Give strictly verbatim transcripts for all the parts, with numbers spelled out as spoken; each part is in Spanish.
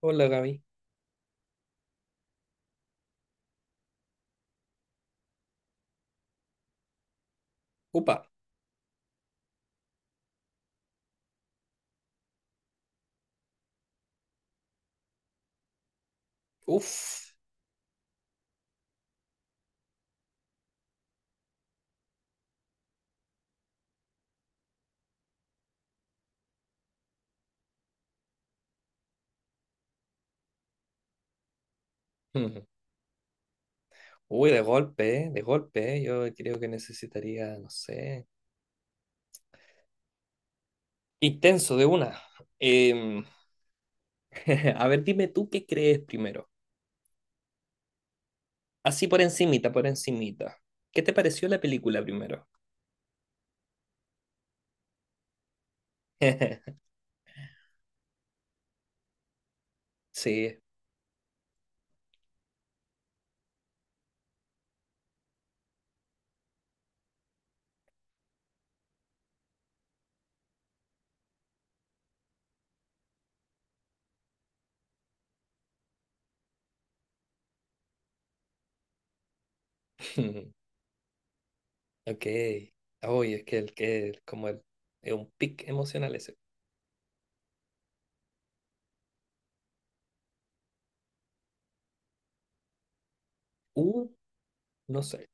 Hola, Gaby. Uy, de golpe, ¿eh? De golpe, ¿eh? Yo creo que necesitaría, no sé. Intenso, de una. Em, a ver, dime tú qué crees primero. Así por encimita, por encimita. ¿Qué te pareció la película primero? Sí. Ok. Uy, es que el que es como el, es un pic emocional ese. Uh, no sé.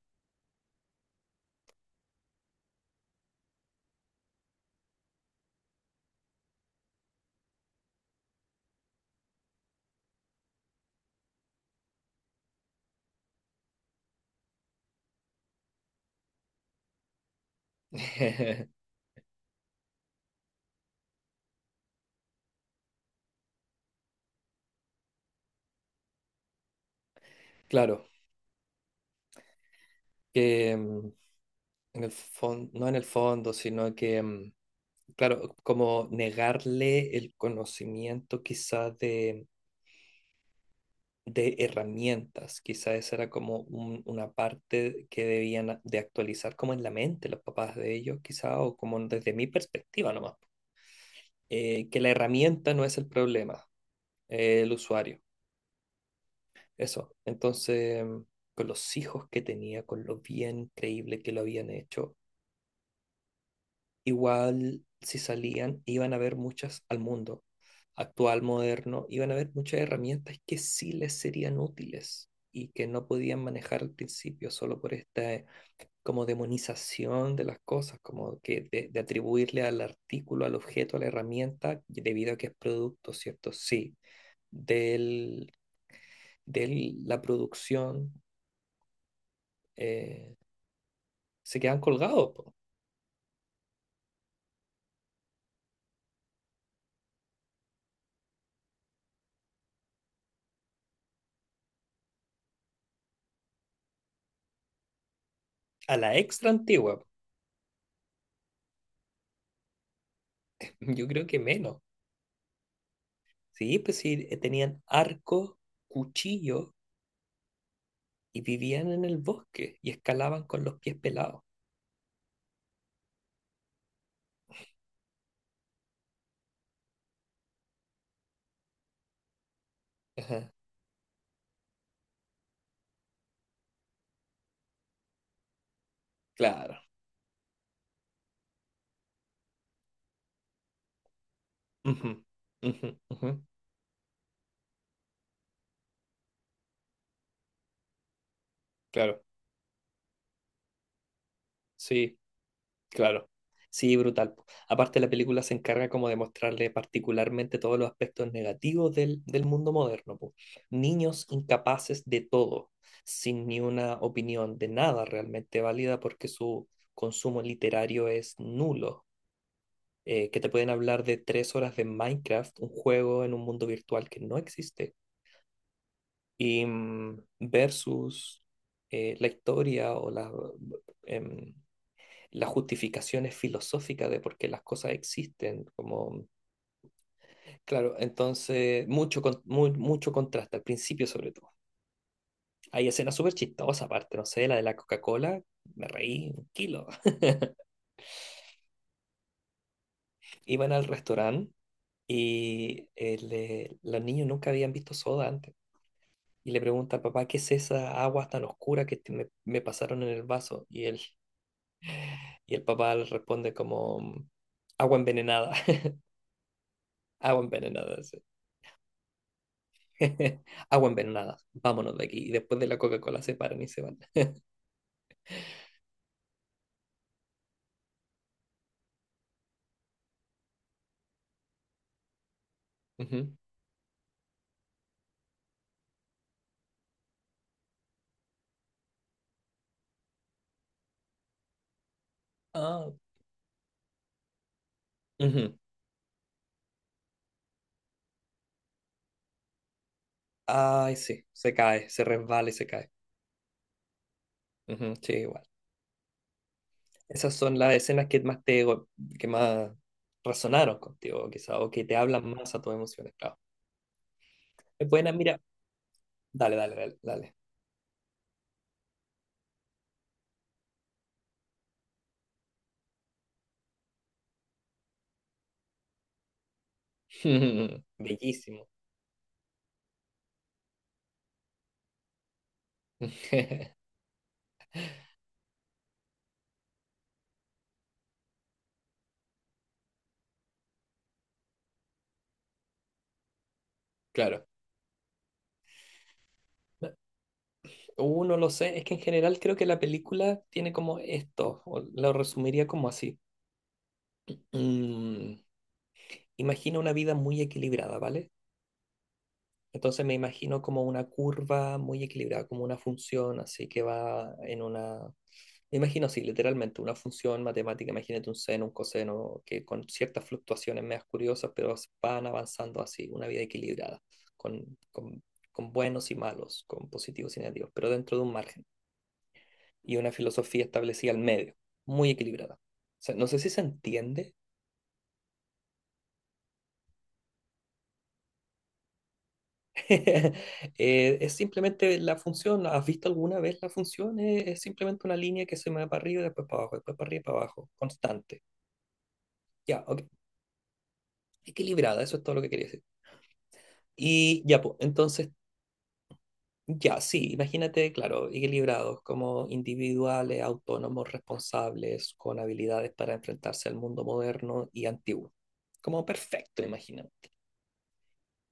Claro, que mm, en el fondo, no en el fondo, sino que, mm, claro, como negarle el conocimiento quizás de, de herramientas, quizás esa era como un- una parte que debían a- de actualizar como en la mente los papás de ellos, quizás, o como desde mi perspectiva nomás, eh, que la herramienta no es el problema, eh, el usuario, eso. Entonces, mm, con los hijos que tenía, con lo bien creíble que lo habían hecho, igual si salían, iban a ver muchas al mundo actual, moderno, iban a ver muchas herramientas que sí les serían útiles y que no podían manejar al principio solo por esta eh, como demonización de las cosas, como que de, de atribuirle al artículo, al objeto, a la herramienta, debido a que es producto, ¿cierto? Sí, del, de la producción, eh, se quedan colgados po. A la extra antigua. Yo creo que menos. Sí, pues sí, eh, tenían arcos, cuchillos y vivían en el bosque y escalaban con los pies pelados. Ajá, claro. Ujú, ujú, ujú. Claro, sí, claro. Sí, brutal po. Aparte, la película se encarga como de mostrarle particularmente todos los aspectos negativos del, del mundo moderno po. Niños incapaces de todo, sin ni una opinión de nada realmente válida porque su consumo literario es nulo. eh, que te pueden hablar de tres horas de Minecraft, un juego en un mundo virtual que no existe, y mm, versus eh, la historia o las em, las justificaciones filosóficas de por qué las cosas existen, como, claro, entonces mucho, con- mu- mucho contraste al principio sobre todo. Hay escenas súper chistosas aparte, no sé, la de la Coca-Cola, me reí un kilo. Iban al restaurante y el, eh, los niños nunca habían visto soda antes, y le pregunta al papá: ¿Qué es esa agua tan oscura que te- me, me pasaron en el vaso? Y él, y el papá le responde como, mm, agua envenenada. Agua envenenada, sí. Agua envenenada, vámonos de aquí. Y después de la Coca-Cola se paran y se van. Ujú. Ah, ujú. Ay, sí, se cae, se resbala y se cae. Ujú, sí, igual. Esas son las escenas que más te, go- que más resonaron contigo, quizá, o que te hablan más a tus emociones, claro. Es buena, mira. Dale, dale, dale, dale. Bellísimo. Claro. Uh, no lo sé, es que en general creo que la película tiene como esto, o lo resumiría como así. Mm, Imagino una vida muy equilibrada, ¿vale? Entonces me imagino como una curva muy equilibrada, como una función así que va en una... Me imagino así, literalmente, una función matemática, imagínate un seno, un coseno, que con ciertas fluctuaciones medias curiosas, pero van avanzando así, una vida equilibrada, con, con, con buenos y malos, con positivos y negativos, pero dentro de un margen, y una filosofía establecida al medio, muy equilibrada. O sea, no sé si se entiende. Eh, es simplemente la función. ¿Has visto alguna vez la función? Eh, Es, simplemente una línea que se mueve para arriba y después para abajo, después para arriba y para abajo, constante. Ya, ok. Equilibrada, eso es todo lo que quería decir. Y ya, pues, entonces, ya, sí, imagínate, claro, equilibrados como individuales, autónomos, responsables, con habilidades para enfrentarse al mundo moderno y antiguo. Como perfecto, imagina.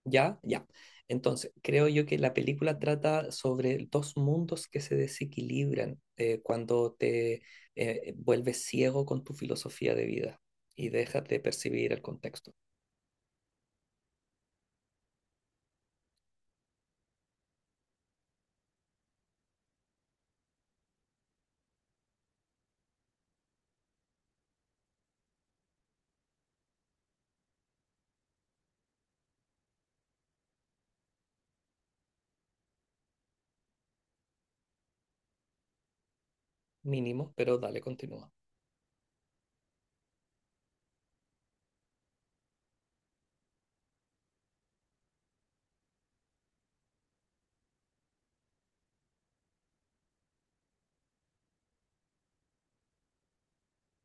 Ya, ya. Entonces, creo yo que la película trata sobre dos mundos que se desequilibran, eh, cuando te eh, vuelves ciego con tu filosofía de vida y dejas de percibir el contexto. Mínimo, pero dale, continúa.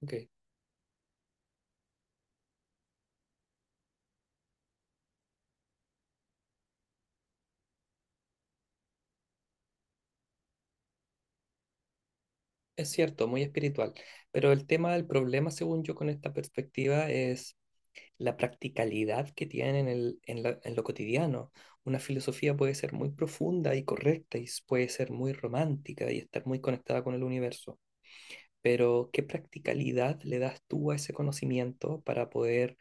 Ok. Es cierto, muy espiritual, pero el tema del problema, según yo, con esta perspectiva es la practicalidad que tiene en el, en la- en lo cotidiano. Una filosofía puede ser muy profunda y correcta y s- puede ser muy romántica y estar muy conectada con el universo, pero ¿qué practicalidad le das tú a ese conocimiento para poder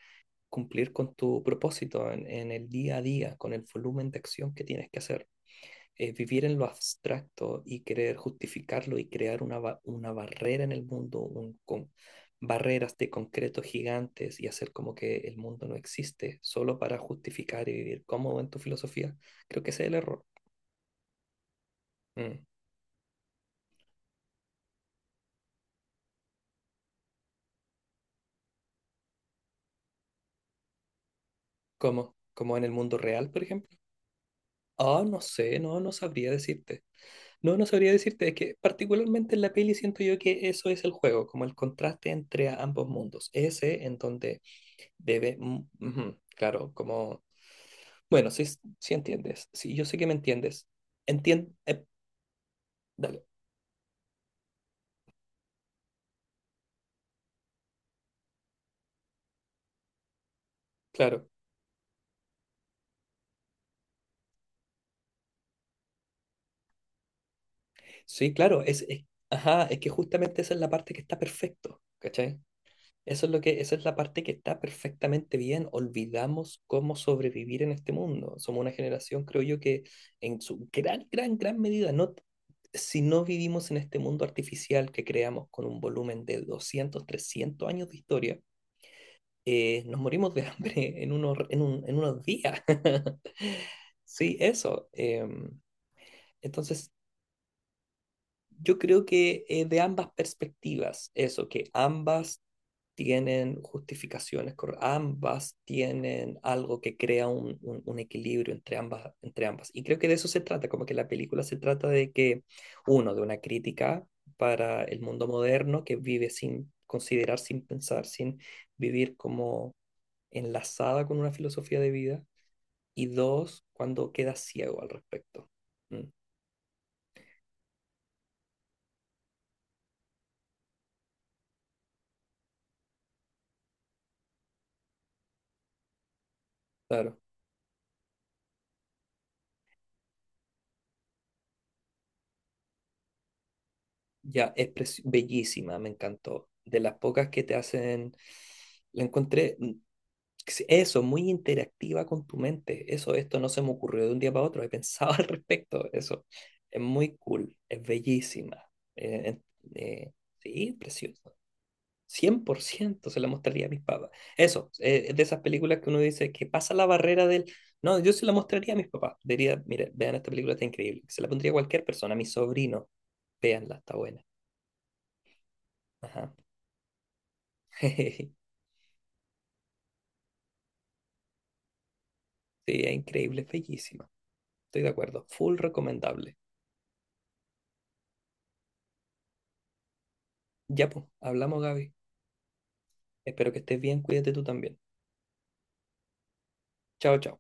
cumplir con tu propósito en, en, el día a día, con el volumen de acción que tienes que hacer? Eh, vivir en lo abstracto y querer justificarlo y crear una, ba- una barrera en el mundo, un, con barreras de concreto gigantes y hacer como que el mundo no existe solo para justificar y vivir cómodo en tu filosofía, creo que ese es el error. Mm. ¿Cómo? ¿Como en el mundo real, por ejemplo? Ah, no sé, no, no sabría decirte. No, no sabría decirte, es que particularmente en la peli siento yo que eso es el juego, como el contraste entre a- ambos mundos. Ese en donde debe mm, ujú, claro, como, bueno, sí, sí entiendes, sí, yo sé que me entiendes. Entiende, dale, claro. Sí, claro, es, es- ajá, es que justamente esa es la parte que está perfecto, ¿cachai? Eso es lo que, Esa es la parte que está perfectamente bien. Olvidamos cómo sobrevivir en este mundo. Somos una generación, creo yo, que en su gran, gran, gran medida, no, si no vivimos en este mundo artificial que creamos con un volumen de doscientos trescientos años de historia, eh, nos morimos de hambre en unos, en un- en unos días. Sí, eso. Em, entonces, yo creo que eh, de ambas perspectivas, eso, que ambas tienen justificaciones, cor- ambas tienen algo que crea un, un- un equilibrio entre ambas, entre ambas. Y creo que de eso se trata, como que la película se trata de que, uno, de una crítica para el mundo moderno que vive sin considerar, sin pensar, sin vivir como enlazada con una filosofía de vida. Y dos, cuando queda ciego al respecto. Mm, claro. Ya, es preci- bellísima, me encantó. De las pocas que te hacen, la encontré, mm, s- eso, muy interactiva con tu mente. Eso, esto no se me ocurrió de un día para otro, he pensado al respecto. Eso, es muy cool, es bellísima. Eh, eh, sí, precioso. Cien por ciento se la mostraría a mis papás. Eso, eh, es de esas películas que uno dice que pasa la barrera del... No, yo se la mostraría a mis papás. Diría, mire, vean esta película, está increíble. Se la pondría a cualquier persona, a mi sobrino. Véanla, está buena. Ajá. Sí, es increíble, es bellísima. Estoy de acuerdo. Full recomendable. Ya, pues, hablamos, Gaby. Espero que estés bien, cuídate tú también. Chao, chao.